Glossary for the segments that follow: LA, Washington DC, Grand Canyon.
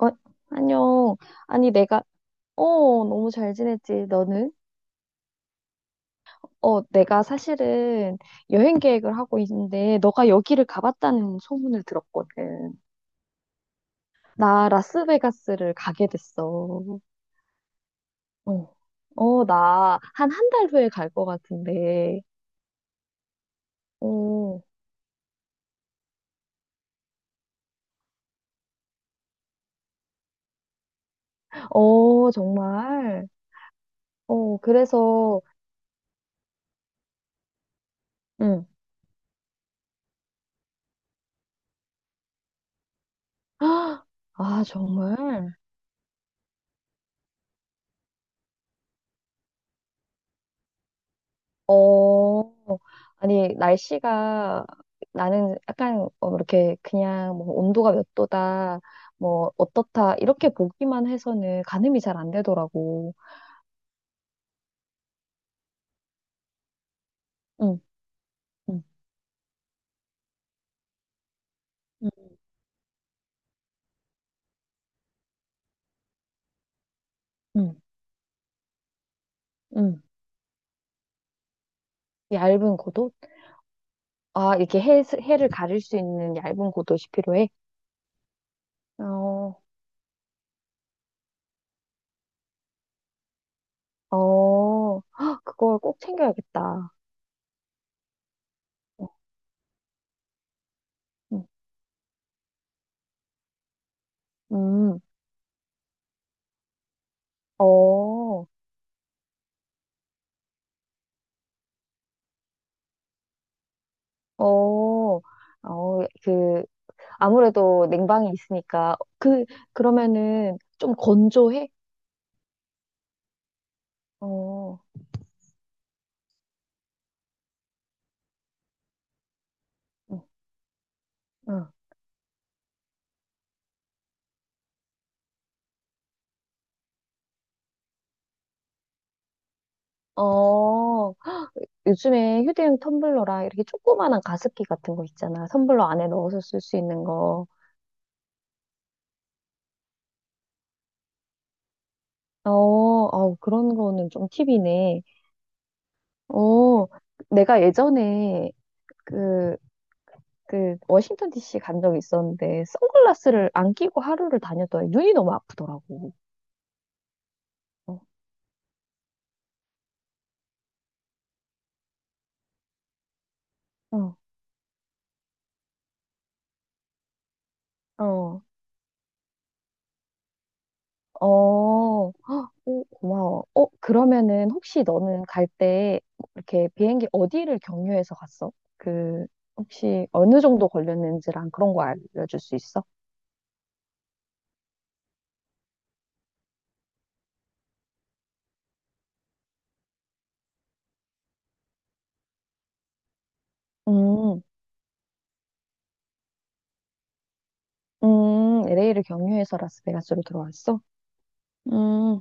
어, 안녕. 아니, 내가, 어, 너무 잘 지냈지, 너는? 내가 사실은 여행 계획을 하고 있는데, 너가 여기를 가봤다는 소문을 들었거든. 나 라스베가스를 가게 됐어. 어, 나 한 한 달 후에 갈 것 같은데. 어, 어, 정말. 그래서. 응. 아, 정말. 어, 아니, 날씨가 나는 약간 이렇게 그냥 뭐 온도가 몇 도다, 뭐 어떻다, 이렇게 보기만 해서는 가늠이 잘 안 되더라고. 응, 응, 음. 응, 응. 얇은 고도? 아, 이렇게 해를 가릴 수 있는 얇은 고도시 필요해? 어, 어, 헉, 그걸 꼭 챙겨야겠다. 어, 응, 음, 어, 어, 어, 그, 아무래도 냉방이 있으니까 그러면은 좀 건조해? 어, 응, 응. 어, 요즘에 휴대용 텀블러랑 이렇게 조그만한 가습기 같은 거 있잖아. 텀블러 안에 넣어서 쓸 수 있는 거. 어, 어, 그런 거는 좀 팁이네. 어, 내가 예전에 그, 워싱턴 DC 간 적이 있었는데, 선글라스를 안 끼고 하루를 다녔더니 눈이 너무 아프더라고. 어, 응, 어. 어, 헉, 오 고마워. 그러면은 혹시 너는 갈 때 이렇게 비행기 어디를 경유해서 갔어? 혹시 어느 정도 걸렸는지랑 그런 거 알려줄 수 있어? 음. LA를 경유해서 라스베가스로 들어왔어? 음,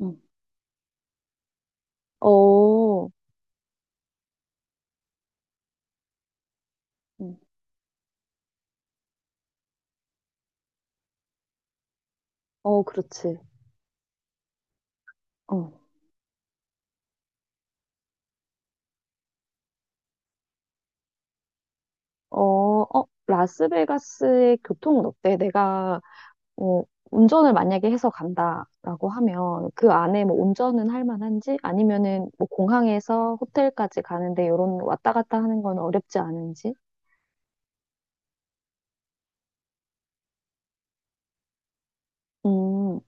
응, 어, 음. 어, 그렇지. 어, 어, 라스베가스의 교통은 어때? 내가 어, 운전을 만약에 해서 간다라고 하면 그 안에 뭐 운전은 할 만한지 아니면은 뭐 공항에서 호텔까지 가는데 요런 왔다 갔다 하는 건 어렵지 않은지? 음,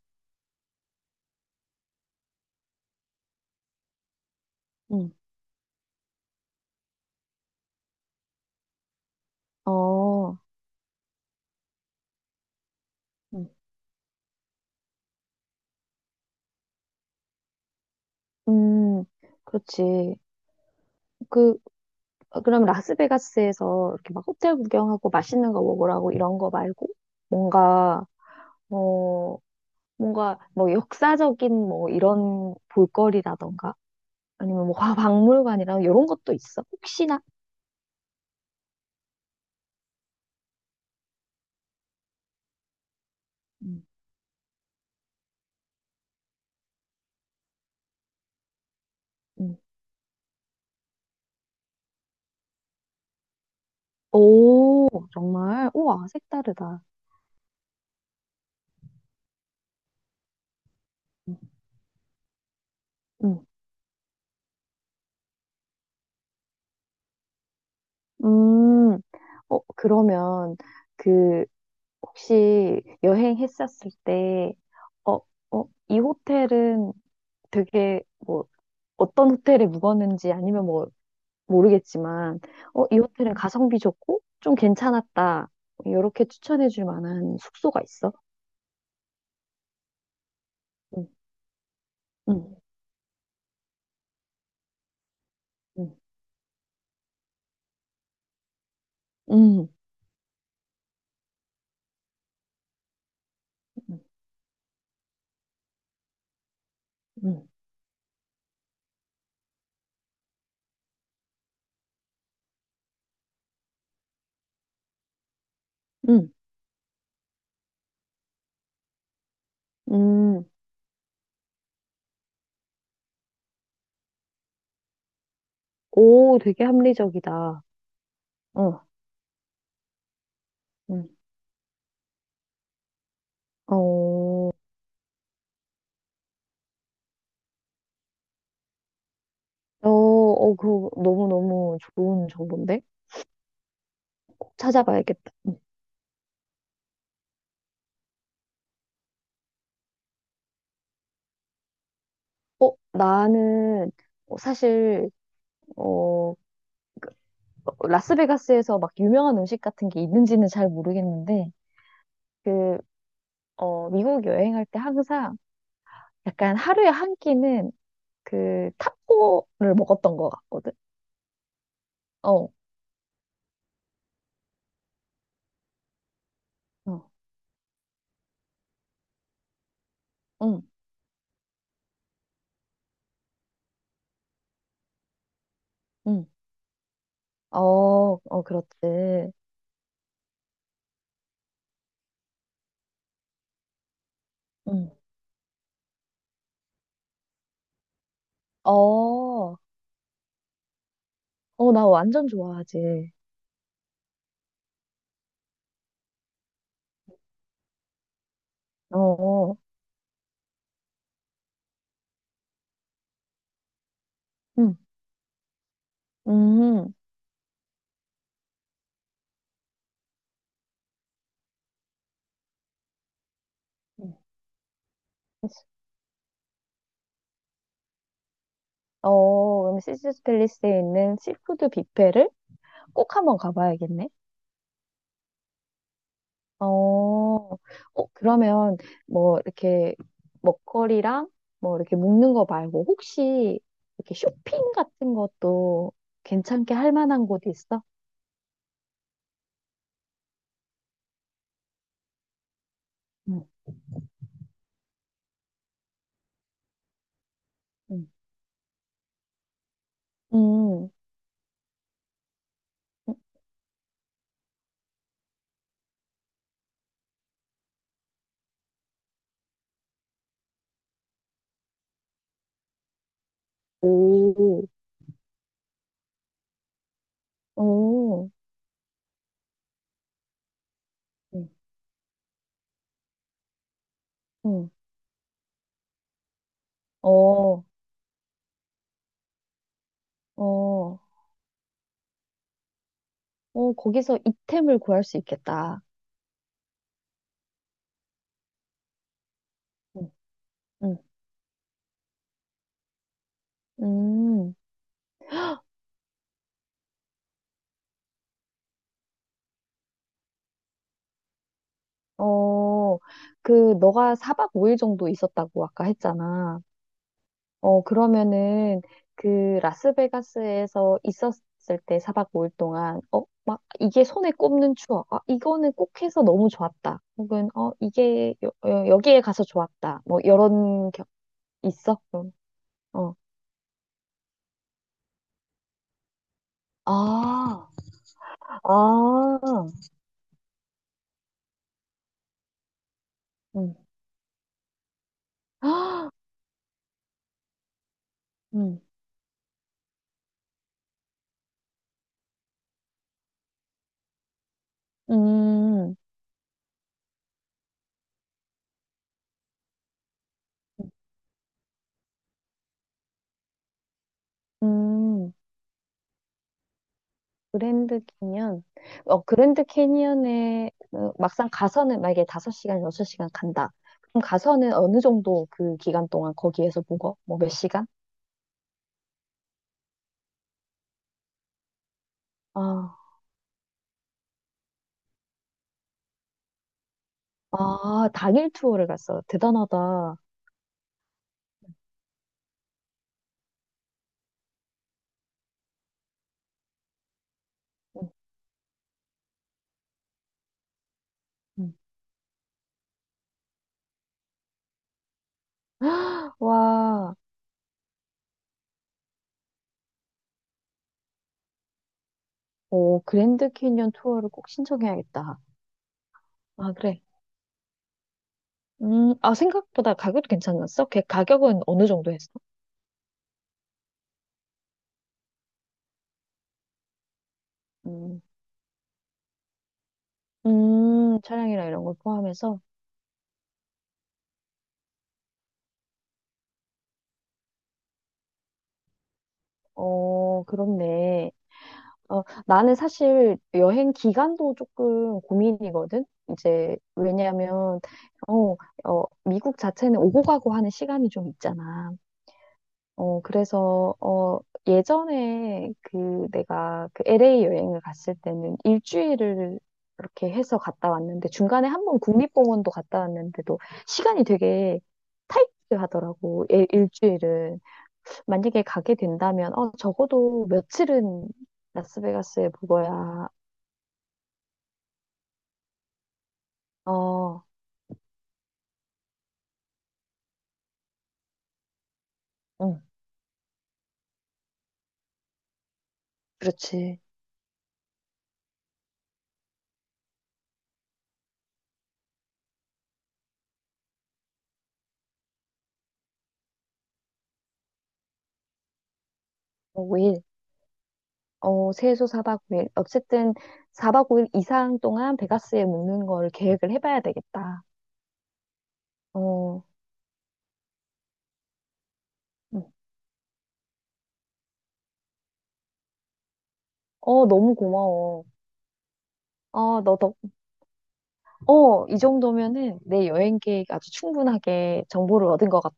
음, 어, 음. 음, 그렇지. 그, 그럼 라스베가스에서 이렇게 막 호텔 구경하고 맛있는 거 먹으라고 이런 거 말고 뭔가, 어, 뭔가 뭐 역사적인 뭐 이런 볼거리라던가 아니면 뭐 박물관이랑 이런 것도 있어? 혹시나? 음. 오, 정말? 우와, 색다르다. 음, 음, 음. 그러면, 그, 혹시 여행했었을 때, 어, 어, 이 호텔은 되게, 뭐, 어떤 호텔에 묵었는지 아니면 뭐, 모르겠지만, 이 호텔은 가성비 좋고, 좀 괜찮았다. 뭐 이렇게 추천해 줄 만한 숙소가 있어? 음, 음, 음, 음, 음, 음, 음. 음. 오, 되게 합리적이다. 응. 음. 어, 어, 어, 그거 너무너무 좋은 정보인데? 찾아봐야겠다. 음. 어, 나는 사실, 어, 라스베가스에서 막 유명한 음식 같은 게 있는지는 잘 모르겠는데, 그, 미국 여행할 때 항상 약간 하루에 한 끼는 그 타코를 먹었던 것 같거든? 어, 어, 응, 응. 어, 어, 그렇지. 응. 어, 어, 나 완전 좋아하지. 어, 응. 음. 음. 어, 시즈스 팰리스에 있는 시푸드 뷔페를 꼭 한번 가봐야겠네. 어, 어, 그러면 뭐 이렇게 먹거리랑 뭐 이렇게 먹는 거 말고 혹시 이렇게 쇼핑 같은 것도 괜찮게 할 만한 곳 있어? 음, 음. 음, 오, 오, 음. 음, 어, 어, 어, 거기서 이템을 구할 수 있겠다. 음. 음, 음. 어, 너가 4박 5일 정도 있었다고 아까 했잖아. 그러면은, 라스베가스에서 있었을 때 4박 5일 동안, 막, 이게 손에 꼽는 추억. 아, 이거는 꼭 해서 너무 좋았다. 혹은, 이게, 여기에 가서 좋았다. 뭐, 이런, 있어? 그럼. 어. 아, 아, 음, 음, 음, 음. 그랜드 캐니언. 그랜드 캐니언에 막상 가서는 만약에 5시간 6시간 간다. 그럼 가서는 어느 정도 그 기간 동안 거기에서 묵어? 뭐 몇 시간? 아, 아, 당일 투어를 갔어. 대단하다. 음, 음. 와, 오, 그랜드 캐니언 투어를 꼭 신청해야겠다. 아, 그래. 아, 생각보다 가격도 괜찮았어? 걔 가격은 어느 정도 했어? 음, 차량이랑 이런 걸 포함해서? 어, 그렇네. 어, 나는 사실 여행 기간도 조금 고민이거든. 이제 왜냐하면 어, 미국 자체는 오고 가고 하는 시간이 좀 있잖아. 어, 그래서 예전에 그 내가 그 LA 여행을 갔을 때는 일주일을 이렇게 해서 갔다 왔는데 중간에 한 번 국립공원도 갔다 왔는데도 시간이 되게 타이트하더라고. 일주일은. 만약에 가게 된다면, 적어도 며칠은 라스베가스에 묵어야, 어, 응, 그렇지. 5일, 최소 4박 5일. 어쨌든 4박 5일 이상 동안 베가스에 묵는 걸 계획을 해봐야 되겠다. 어, 응. 어, 너무 고마워. 어, 너 덕, 이 정도면은 내 여행 계획 아주 충분하게 정보를 얻은 것 같아.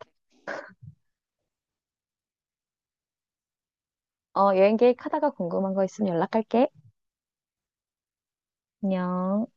여행 계획 하다가 궁금한 거 있으면 연락할게. 안녕.